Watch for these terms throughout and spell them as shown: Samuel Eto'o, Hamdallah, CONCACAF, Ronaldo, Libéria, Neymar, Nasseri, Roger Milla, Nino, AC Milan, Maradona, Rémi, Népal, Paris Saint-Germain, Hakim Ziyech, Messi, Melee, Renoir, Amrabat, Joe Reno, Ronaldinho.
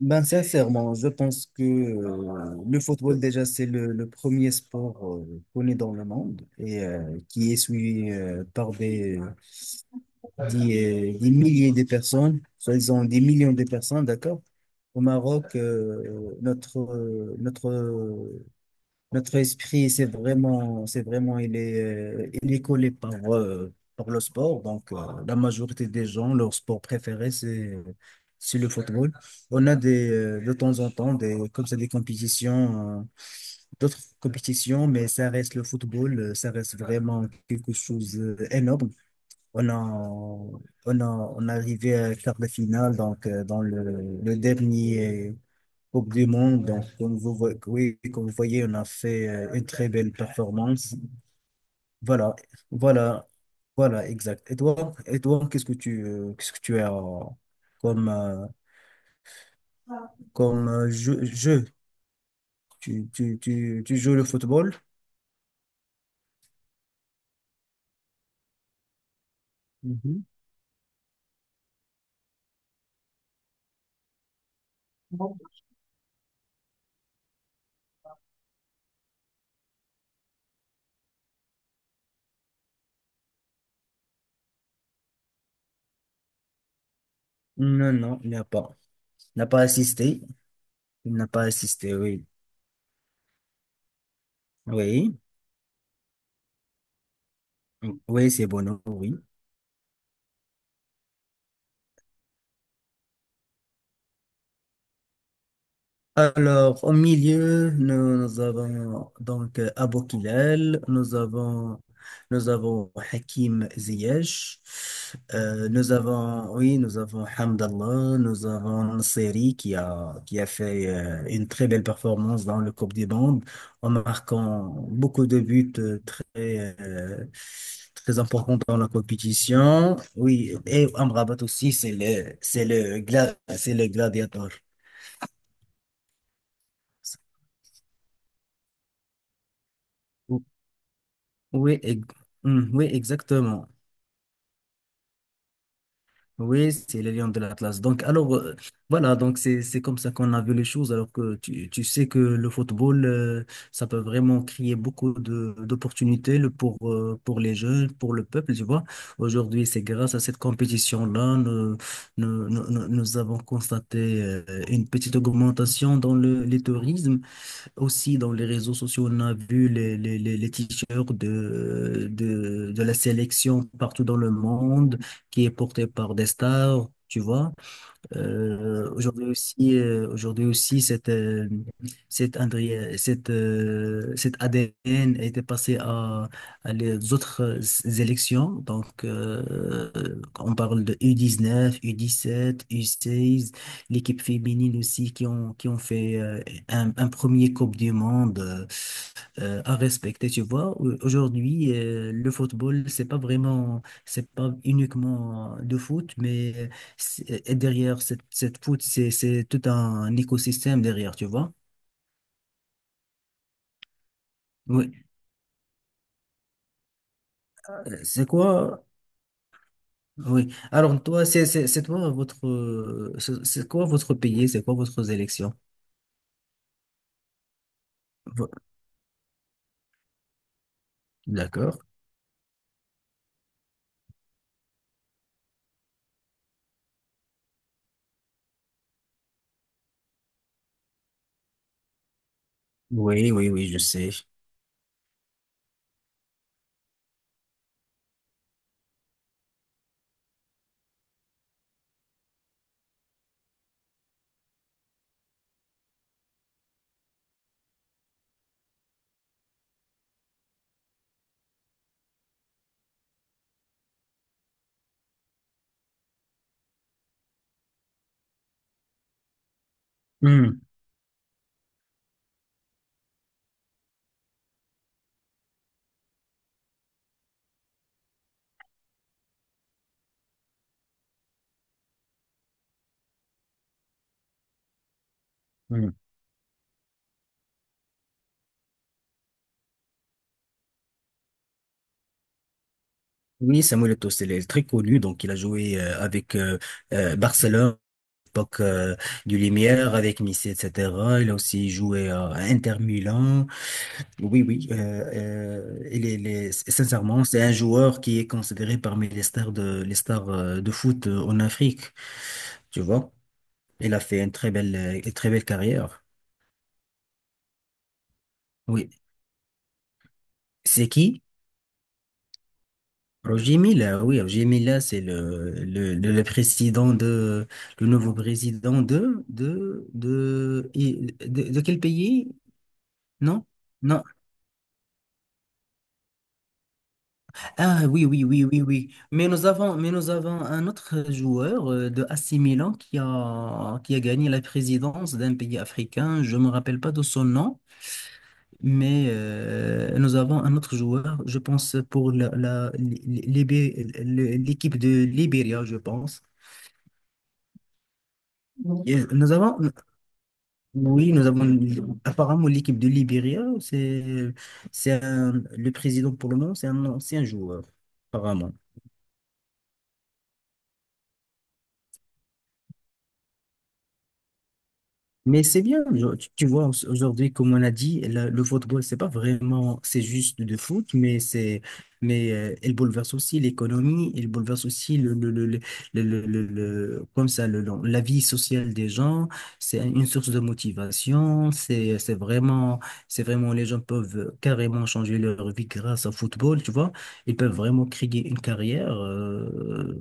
Ben, sincèrement, je pense que le football, déjà, c'est le premier sport connu dans le monde et qui est suivi par des milliers de personnes, soi-disant des millions de personnes, d'accord? Au Maroc, notre esprit, c'est vraiment, il est collé par le sport. Donc, la majorité des gens, leur sport préféré, c'est le football. On a des, de temps en temps, des, comme ça, des compétitions, d'autres compétitions, mais ça reste le football, ça reste vraiment quelque chose d'énorme. On a, on a, on est arrivé à quart de finale, donc, dans le dernier Coupe du Monde. Donc, comme oui, comme vous voyez, on a fait une très belle performance. Voilà, voilà, voilà, exact. Et toi, qu'est-ce que tu as comme, euh, comme jeu? Tu joues le football? Mhm. Non, non, il n'a pas. Il n'a pas assisté. Il n'a pas assisté, oui. Oui, oui, c'est bon, oui. Alors, au milieu, nous avons donc Abou Kilal, nous avons Hakim Ziyech, oui, nous avons Hamdallah, nous avons Nasseri qui a fait une très belle performance dans le Coupe des bandes en marquant beaucoup de buts très importants dans la compétition. Oui, et Amrabat aussi, c'est le gladiateur. Oui, oui, exactement. Oui, c'est les lions de l'Atlas. Donc, alors, voilà, donc c'est comme ça qu'on a vu les choses, alors que tu sais que le football, ça peut vraiment créer beaucoup de d'opportunités pour les jeunes, pour le peuple, tu vois. Aujourd'hui, c'est grâce à cette compétition-là, nous avons constaté une petite augmentation dans les tourismes. Aussi, dans les réseaux sociaux, on a vu les t-shirts de la sélection partout dans le monde qui est porté par des stars, tu vois. Aujourd'hui aussi, cette ADN a été passée à les autres élections. Donc, on parle de U19, U17, U16, l'équipe féminine aussi qui ont fait un premier Coupe du Monde à respecter, tu vois. Aujourd'hui, le football, c'est pas vraiment, c'est pas uniquement de foot, mais derrière cette foot, c'est tout un écosystème derrière, tu vois. Oui. C'est quoi? Oui. Alors, toi, c'est toi, c'est quoi votre pays? C'est quoi votre élection? Vo- D'accord. Oui, oui, oui, je sais. Hmm, hmm. Oui, Samuel Eto'o, très connu, donc il a joué avec Barcelone. L'époque du Lumière avec Nice, etc. Il a aussi joué à Inter Milan. Oui, oui. Sincèrement, c'est un joueur qui est considéré parmi les stars les stars de foot en Afrique. Tu vois, il a fait une très belle carrière. Oui. C'est qui? Roger Milla. Oui, Roger Milla, c'est le président de, le nouveau président de quel pays? Non, non? Ah oui, oui, oui, oui, oui. Mais nous avons un autre joueur de AC Milan qui a gagné la présidence d'un pays africain. Je ne me rappelle pas de son nom, mais nous avons un autre joueur, je pense, pour l'équipe de Libéria, je pense. Et oui, nous avons apparemment l'équipe de Libéria, c'est le président pour le moment, c'est un ancien joueur, apparemment. Mais c'est bien, genre, tu vois, aujourd'hui, comme on a dit, le football, c'est pas vraiment, c'est juste de foot, mais elle bouleverse aussi l'économie, elle bouleverse aussi comme ça, la vie sociale des gens, c'est une source de motivation, c'est vraiment, les gens peuvent carrément changer leur vie grâce au football, tu vois, ils peuvent vraiment créer une carrière, euh,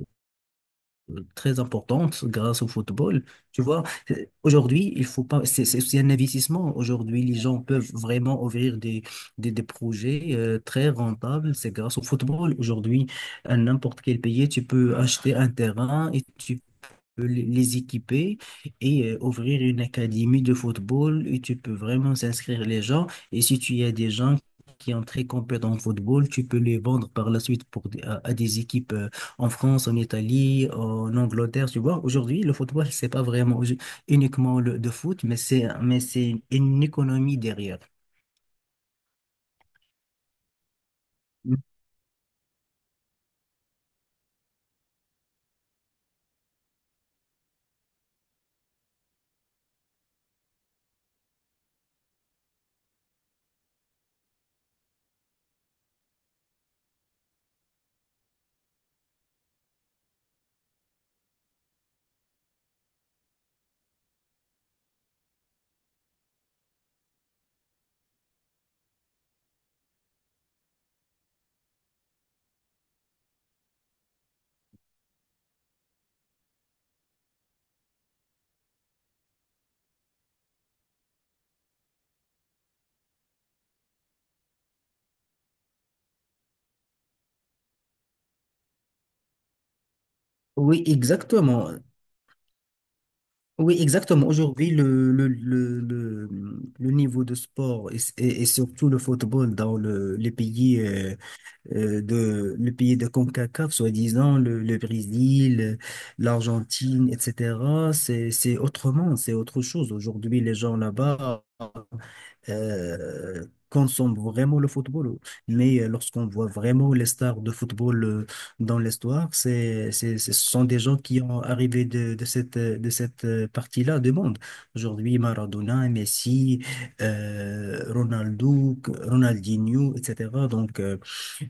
euh, très importante grâce au football. Tu vois, euh, aujourd'hui, il faut pas, c'est aussi un investissement. Aujourd'hui, les gens peuvent vraiment ouvrir des projets très rentables. C'est grâce au football. Aujourd'hui, à n'importe quel pays, tu peux acheter un terrain et tu peux les équiper et ouvrir une académie de football et tu peux vraiment s'inscrire les gens. Et si tu as des gens qui sont très compétents en football, tu peux les vendre par la suite à des équipes en France, en Italie, en Angleterre, tu vois. Aujourd'hui, le football, c'est pas vraiment uniquement le de foot, mais c'est une économie derrière. Oui, exactement. Oui, exactement. Aujourd'hui, le niveau de sport et surtout le football dans les pays de les pays de CONCACAF, soi-disant le Brésil, l'Argentine, etc. C'est autrement, c'est autre chose. Aujourd'hui, les gens là-bas euh, consomment vraiment le football. Mais lorsqu'on voit vraiment les stars de football dans l'histoire, ce sont des gens qui ont arrivé de cette, partie-là du monde. Aujourd'hui, Maradona, Messi, Ronaldo, Ronaldinho, etc. Donc, euh,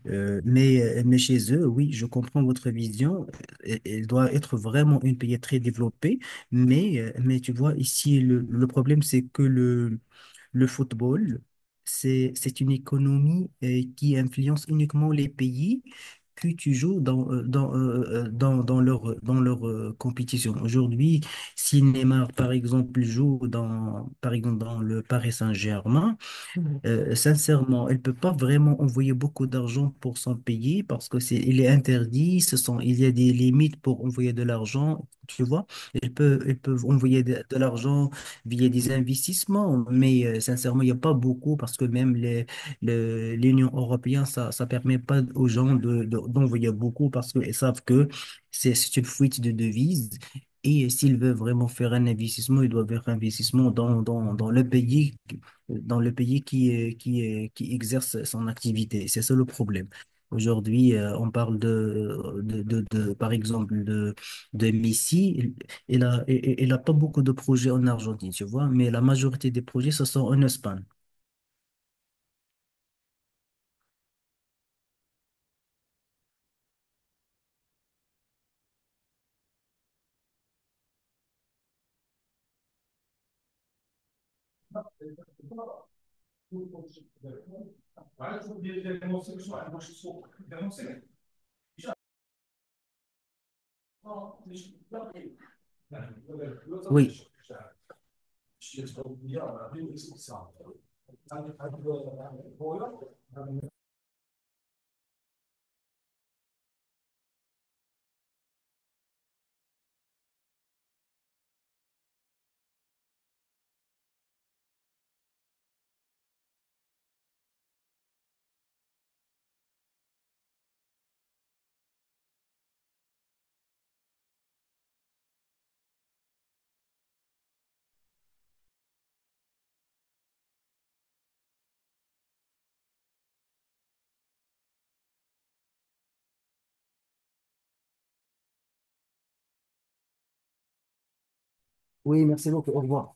euh, mais, euh, mais chez eux, oui, je comprends votre vision. Elle doit être vraiment une pays très développée. Mais, tu vois, ici, le problème, c'est que le football, c'est une économie qui influence uniquement les pays que tu joues dans leur compétition. Aujourd'hui, si Neymar, par exemple, joue dans, par exemple, dans le Paris Saint-Germain, sincèrement, elle peut pas vraiment envoyer beaucoup d'argent pour son pays parce que c'est, il est interdit, ce sont, il y a des limites pour envoyer de l'argent, tu vois. Elle peut envoyer de l'argent via des investissements, mais sincèrement, il n'y a pas beaucoup parce que même l'Union européenne, ça permet pas aux gens d'envoyer beaucoup parce qu'ils savent que c'est une fuite de devises. Et s'ils veulent vraiment faire un investissement, ils doivent faire un investissement dans le pays qui exerce son activité. C'est ça le problème. Aujourd'hui, on parle par exemple, de Messi. Il n'a il, il a pas beaucoup de projets en Argentine, tu vois, mais la majorité des projets, ce sont en Espagne. Oui, oui, merci beaucoup. Au revoir.